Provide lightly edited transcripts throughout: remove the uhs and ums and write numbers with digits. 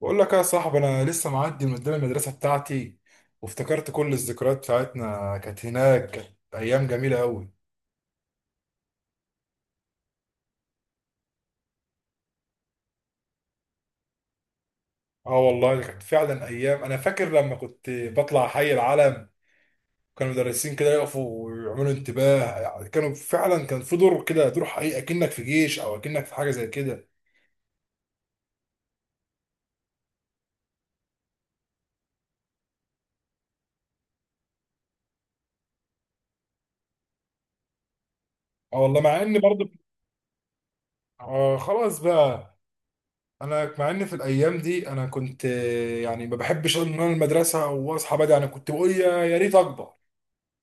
بقول لك يا صاحبي انا لسه معدي من قدام المدرسه بتاعتي، وافتكرت كل الذكريات بتاعتنا كانت هناك. كانت ايام جميله قوي. اه والله دي كانت فعلا ايام. انا فاكر لما كنت بطلع حي العلم كان المدرسين كده يقفوا ويعملوا انتباه، يعني كانوا فعلا كان في دور كده، دور حقيقي، اكنك في جيش او اكنك في حاجه زي كده. اه والله مع ان برضه آه خلاص بقى. انا مع ان في الايام دي انا كنت يعني ما بحبش ان انا المدرسه واصحى بدري. انا كنت بقول يا ريت اكبر.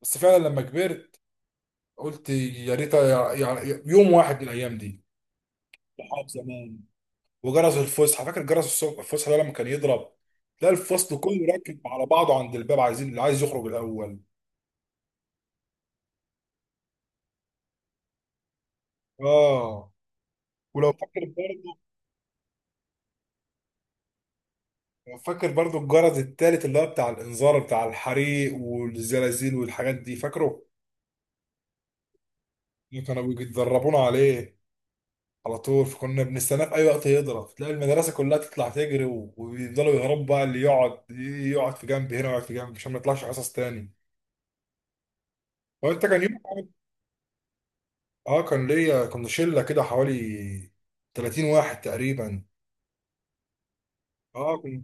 بس فعلا لما كبرت قلت يا ريت، يعني يوم واحد من الايام دي. صحاب زمان. وجرس الفسحه، فاكر جرس الصبح الفسحه ده لما كان يضرب تلاقي الفصل كله راكب على بعضه عند الباب عايزين اللي عايز يخرج الاول. اه. ولو فاكر برضه، لو فاكر برضه الجرس التالت اللي هو بتاع الانذار، بتاع الحريق والزلازل والحاجات دي، فاكره؟ اللي كانوا بيدربونا عليه على طول، فكنا بنستناه في اي وقت يضرب تلاقي المدرسه كلها تطلع تجري ويفضلوا يهربوا بقى. اللي يقعد يقعد في جنب هنا ويقعد في جنب عشان ما يطلعش حصص تاني. هو انت كان يوم. اه كان ليا، كنا شله كده حوالي 30 واحد تقريبا. اه كن-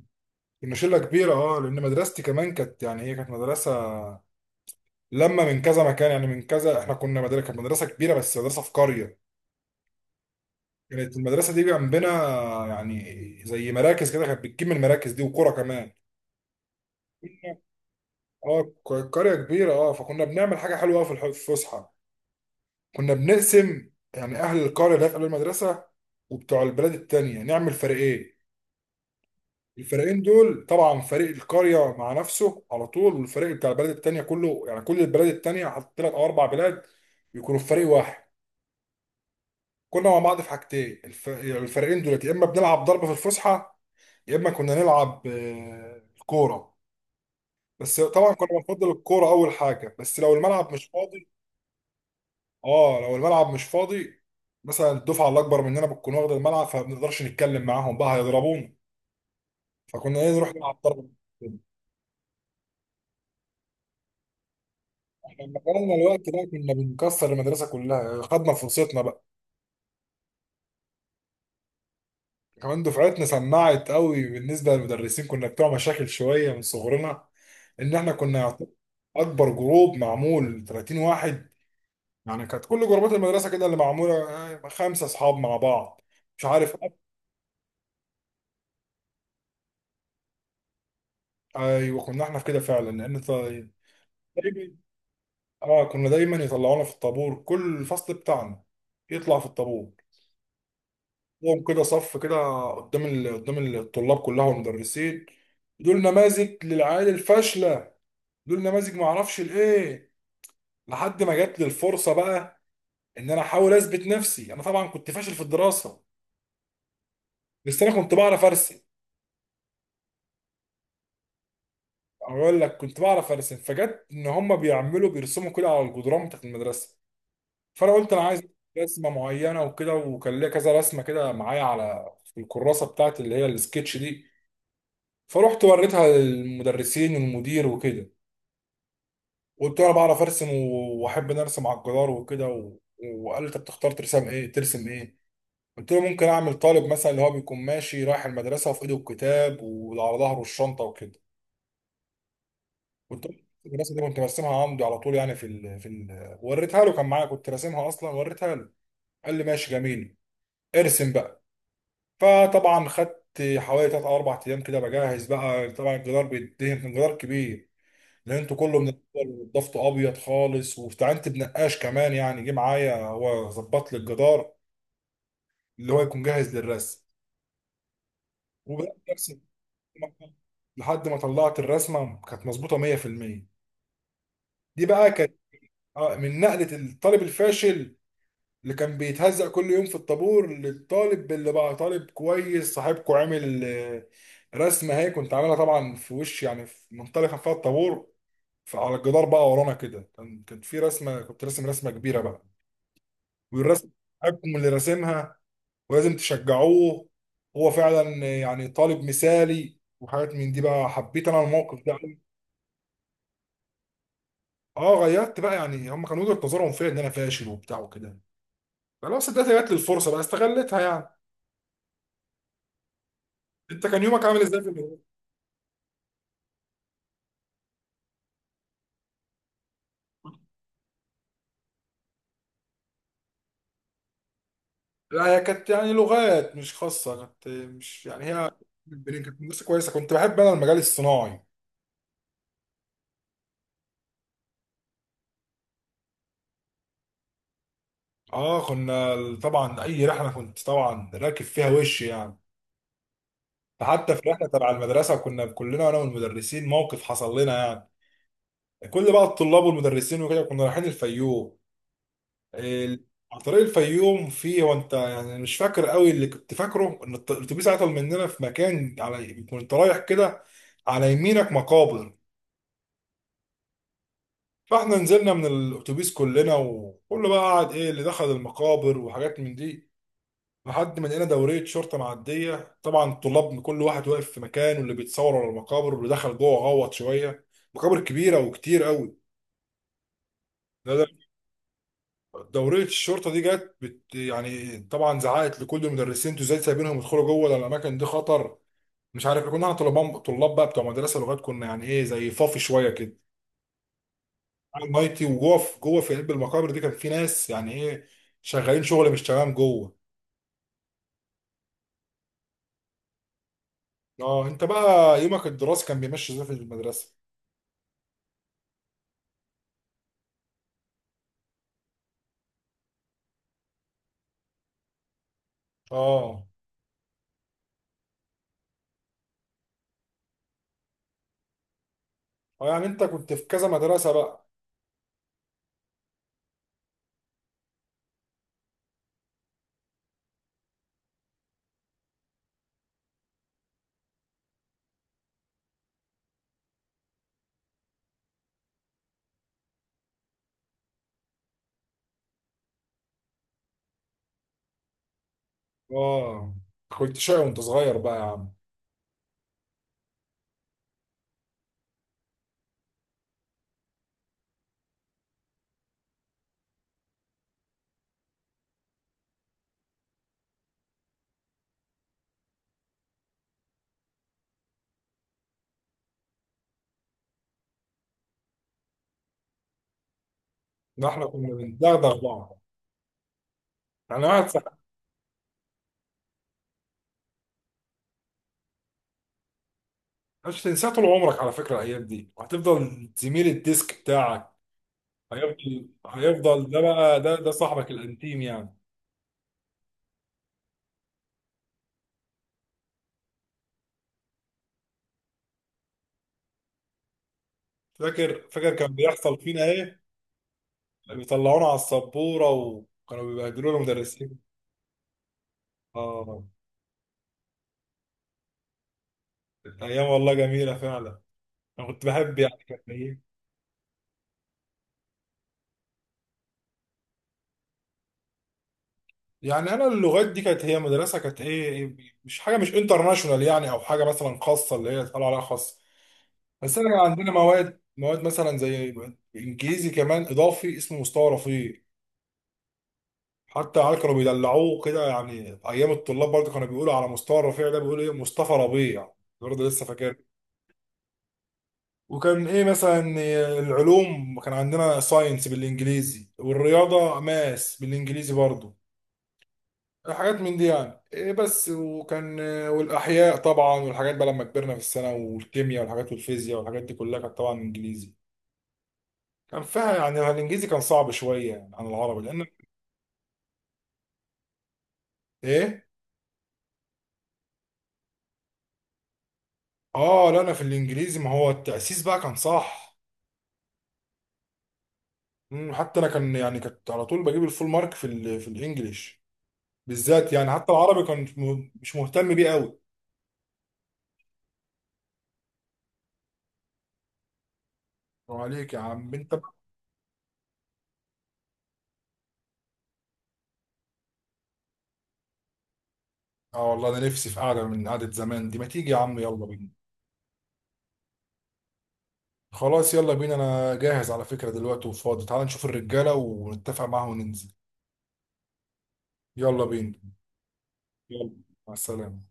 كنا شله كبيره. اه لان مدرستي كمان كانت، يعني هي كانت مدرسه لما من كذا مكان، يعني من كذا، احنا كنا مدرسه، كانت مدرسه كبيره بس مدرسه في قريه. كانت المدرسه دي جنبنا، يعني زي مراكز كده، كانت بتجيب من المراكز دي وكوره كمان. كنا- اه. قريه كبيره، اه. فكنا بنعمل حاجه حلوه أوي في في الفسحه. كنا بنقسم، يعني اهل القريه اللي هي في قلب المدرسه وبتوع البلاد التانية، نعمل فريقين. الفريقين دول طبعا فريق القريه مع نفسه على طول، والفريق بتاع البلد التانيه كله، يعني كل البلاد التانيه، حط ثلاث او اربع بلاد يكونوا في فريق واحد. كنا مع بعض في حاجتين. الفريقين دولت يا اما بنلعب ضربه في الفسحه، يا اما كنا نلعب كوره. بس طبعا كنا بنفضل الكوره اول حاجه، بس لو الملعب مش فاضي. اه لو الملعب مش فاضي، مثلا الدفعه الاكبر مننا بتكون واخده الملعب، فما بنقدرش نتكلم معاهم بقى، هيضربونا. فكنا إيه، نروح نلعب ضربه. احنا لما كنا الوقت ده كنا بنكسر المدرسه كلها، خدنا فرصتنا بقى. كمان دفعتنا سمعت قوي بالنسبه للمدرسين، كنا بتوع مشاكل شويه من صغرنا. ان احنا كنا اكبر جروب معمول 30 واحد. يعني كانت كل جروبات المدرسه كده اللي معموله خمسه اصحاب مع بعض. مش عارف أب- ايوه كنا احنا في كده فعلا، لان طيب. دايما، اه كنا دايما يطلعونا في الطابور، كل الفصل بتاعنا يطلع في الطابور. قوم كده صف كده قدام قدام الطلاب كلها والمدرسين. دول نماذج للعيال الفاشله، دول نماذج ما اعرفش الايه. لحد ما جات لي الفرصه بقى، ان انا احاول اثبت نفسي. انا طبعا كنت فاشل في الدراسه، بس انا كنت بعرف ارسم. اقول لك، كنت بعرف ارسم، فجت ان هم بيعملوا بيرسموا كده على الجدران بتاعت المدرسه. فانا قلت انا عايز رسمه معينه وكده، وكان ليا كذا رسمه كده معايا على الكراسه بتاعت اللي هي السكتش دي. فروحت وريتها للمدرسين والمدير وكده. قلت له انا بعرف ارسم واحب ان ارسم على الجدار وكده و... وقال لي طب تختار ترسم ايه، ترسم ايه؟ قلت له ممكن اعمل طالب مثلا اللي هو بيكون ماشي رايح المدرسه وفي ايده الكتاب وعلى ظهره الشنطه وكده. قلت له الرسمه دي كنت برسمها عمودي على طول، يعني في في وريتها له، كان معايا كنت راسمها اصلا وريتها له. قال لي ماشي جميل، ارسم بقى. فطبعا خدت حوالي 3 او 4 ايام كده بجهز بقى. طبعا الجدار بيتدهن، كان جدار كبير. لان انتوا كله من الأول، وضفته ابيض خالص، واستعنت بنقاش كمان، يعني جه معايا هو ظبط لي الجدار اللي هو يكون جاهز للرسم. وبدات ارسم لحد ما طلعت الرسمه، كانت مظبوطه 100%. دي بقى كانت من نقله الطالب الفاشل اللي كان بيتهزق كل يوم في الطابور، للطالب اللي بقى طالب كويس، صاحبكو عامل رسمه. هي كنت عاملها طبعا في وش، يعني في منطلقه فيها الطابور. فعلى الجدار بقى ورانا كده كان، كانت في رسمه، كنت راسم رسمه كبيره بقى. والرسم حقكم اللي راسمها، ولازم تشجعوه، هو فعلا يعني طالب مثالي وحاجات من دي بقى. حبيت انا الموقف ده أوي. اه غيرت بقى، يعني هم كانوا وجهة نظرهم فيا ان انا فاشل وبتاع وكده، خلاص اديت، جات لي الفرصه بقى استغلتها يعني. انت كان يومك عامل ازاي في المدرسه؟ لا هي كانت يعني لغات مش خاصه، كانت مش يعني هي البنين، كانت مدرسه كويسه. كنت بحب انا المجال الصناعي. اه كنا، طبعا اي رحله كنت طبعا راكب فيها وش يعني. حتى في رحله تبع المدرسه كنا كلنا انا والمدرسين موقف حصل لنا، يعني كل بقى الطلاب والمدرسين وكده كنا رايحين الفيوم. ال- على طريق الفيوم فيه، هو انت يعني مش فاكر قوي، اللي كنت فاكره ان الاتوبيس عطل مننا في مكان، على كنت رايح كده على يمينك مقابر. فاحنا نزلنا من الاتوبيس كلنا، وكله بقى قعد ايه اللي دخل المقابر وحاجات من دي. لحد ما لقينا دورية شرطة معدية، طبعا الطلاب كل واحد واقف في مكان، واللي بيتصور على المقابر، واللي دخل جوه غوط شوية مقابر كبيرة وكتير قوي. ده دورية الشرطة دي جت، بت يعني طبعا زعقت لكل المدرسين انتوا ازاي سايبينهم يدخلوا جوه، ده الأماكن دي خطر، مش عارف إيه. كنا احنا طلاب طلاب بقى بتوع مدرسة لغات، كنا يعني ايه زي فافي شوية كده، عامل نايتي وجوه. في جوه في قلب المقابر دي كان في ناس يعني ايه شغالين شغل مش تمام جوه. اه انت بقى، يومك الدراسي كان بيمشي ازاي في المدرسة؟ اه اه يعني انت كنت في كذا مدرسة بقى. اه كنت شقي وانت صغير بقى يا عم؟ ده احنا كنا بندغدغ بعض، يعني واحد مش تنساه طول عمرك على فكرة الايام دي، وهتفضل زميل الديسك بتاعك. هيفضل ده بقى، ده صاحبك الانتيم يعني. فاكر كان بيحصل فينا ايه، بيطلعونا على السبورة وكانوا بيبهدلونا المدرسين. اه كانت ايام والله جميلة فعلا. انا كنت بحب يعني كانت ايه. يعني انا اللغات دي كانت هي مدرسه كانت ايه، مش حاجه، مش انترناشونال يعني، او حاجه مثلا خاصه اللي هي طالعه عليها خاصه. بس انا كان عندنا مواد مواد مثلا زي انجليزي كمان اضافي اسمه مستوى رفيع. حتى عيال كانوا بيدلعوه كده، يعني ايام الطلاب برضه كانوا بيقولوا على مستوى رفيع ده بيقولوا ايه، مصطفى ربيع، برضه لسه فاكر. وكان ايه مثلا، العلوم كان عندنا ساينس بالانجليزي، والرياضه ماس بالانجليزي برضه، حاجات من دي يعني إيه بس. وكان، والاحياء طبعا والحاجات بقى لما كبرنا في السنه، والكيمياء والحاجات والفيزياء والحاجات دي كلها كانت طبعا انجليزي. كان فيها يعني الانجليزي كان صعب شويه يعني عن العربي، لان ايه. اه لا انا في الانجليزي، ما هو التاسيس بقى كان صح. حتى انا كان يعني كنت على طول بجيب الفول مارك في في الانجليش بالذات يعني. حتى العربي كان مش مهتم بيه قوي. عليك يا عم انت بقى. اه والله انا نفسي في قعده من قعده زمان دي، ما تيجي يا عم يلا بينا. خلاص يلا بينا انا جاهز على فكرة دلوقتي وفاضي، تعال نشوف الرجالة ونتفق معاهم وننزل. يلا بينا. يلا مع السلامة.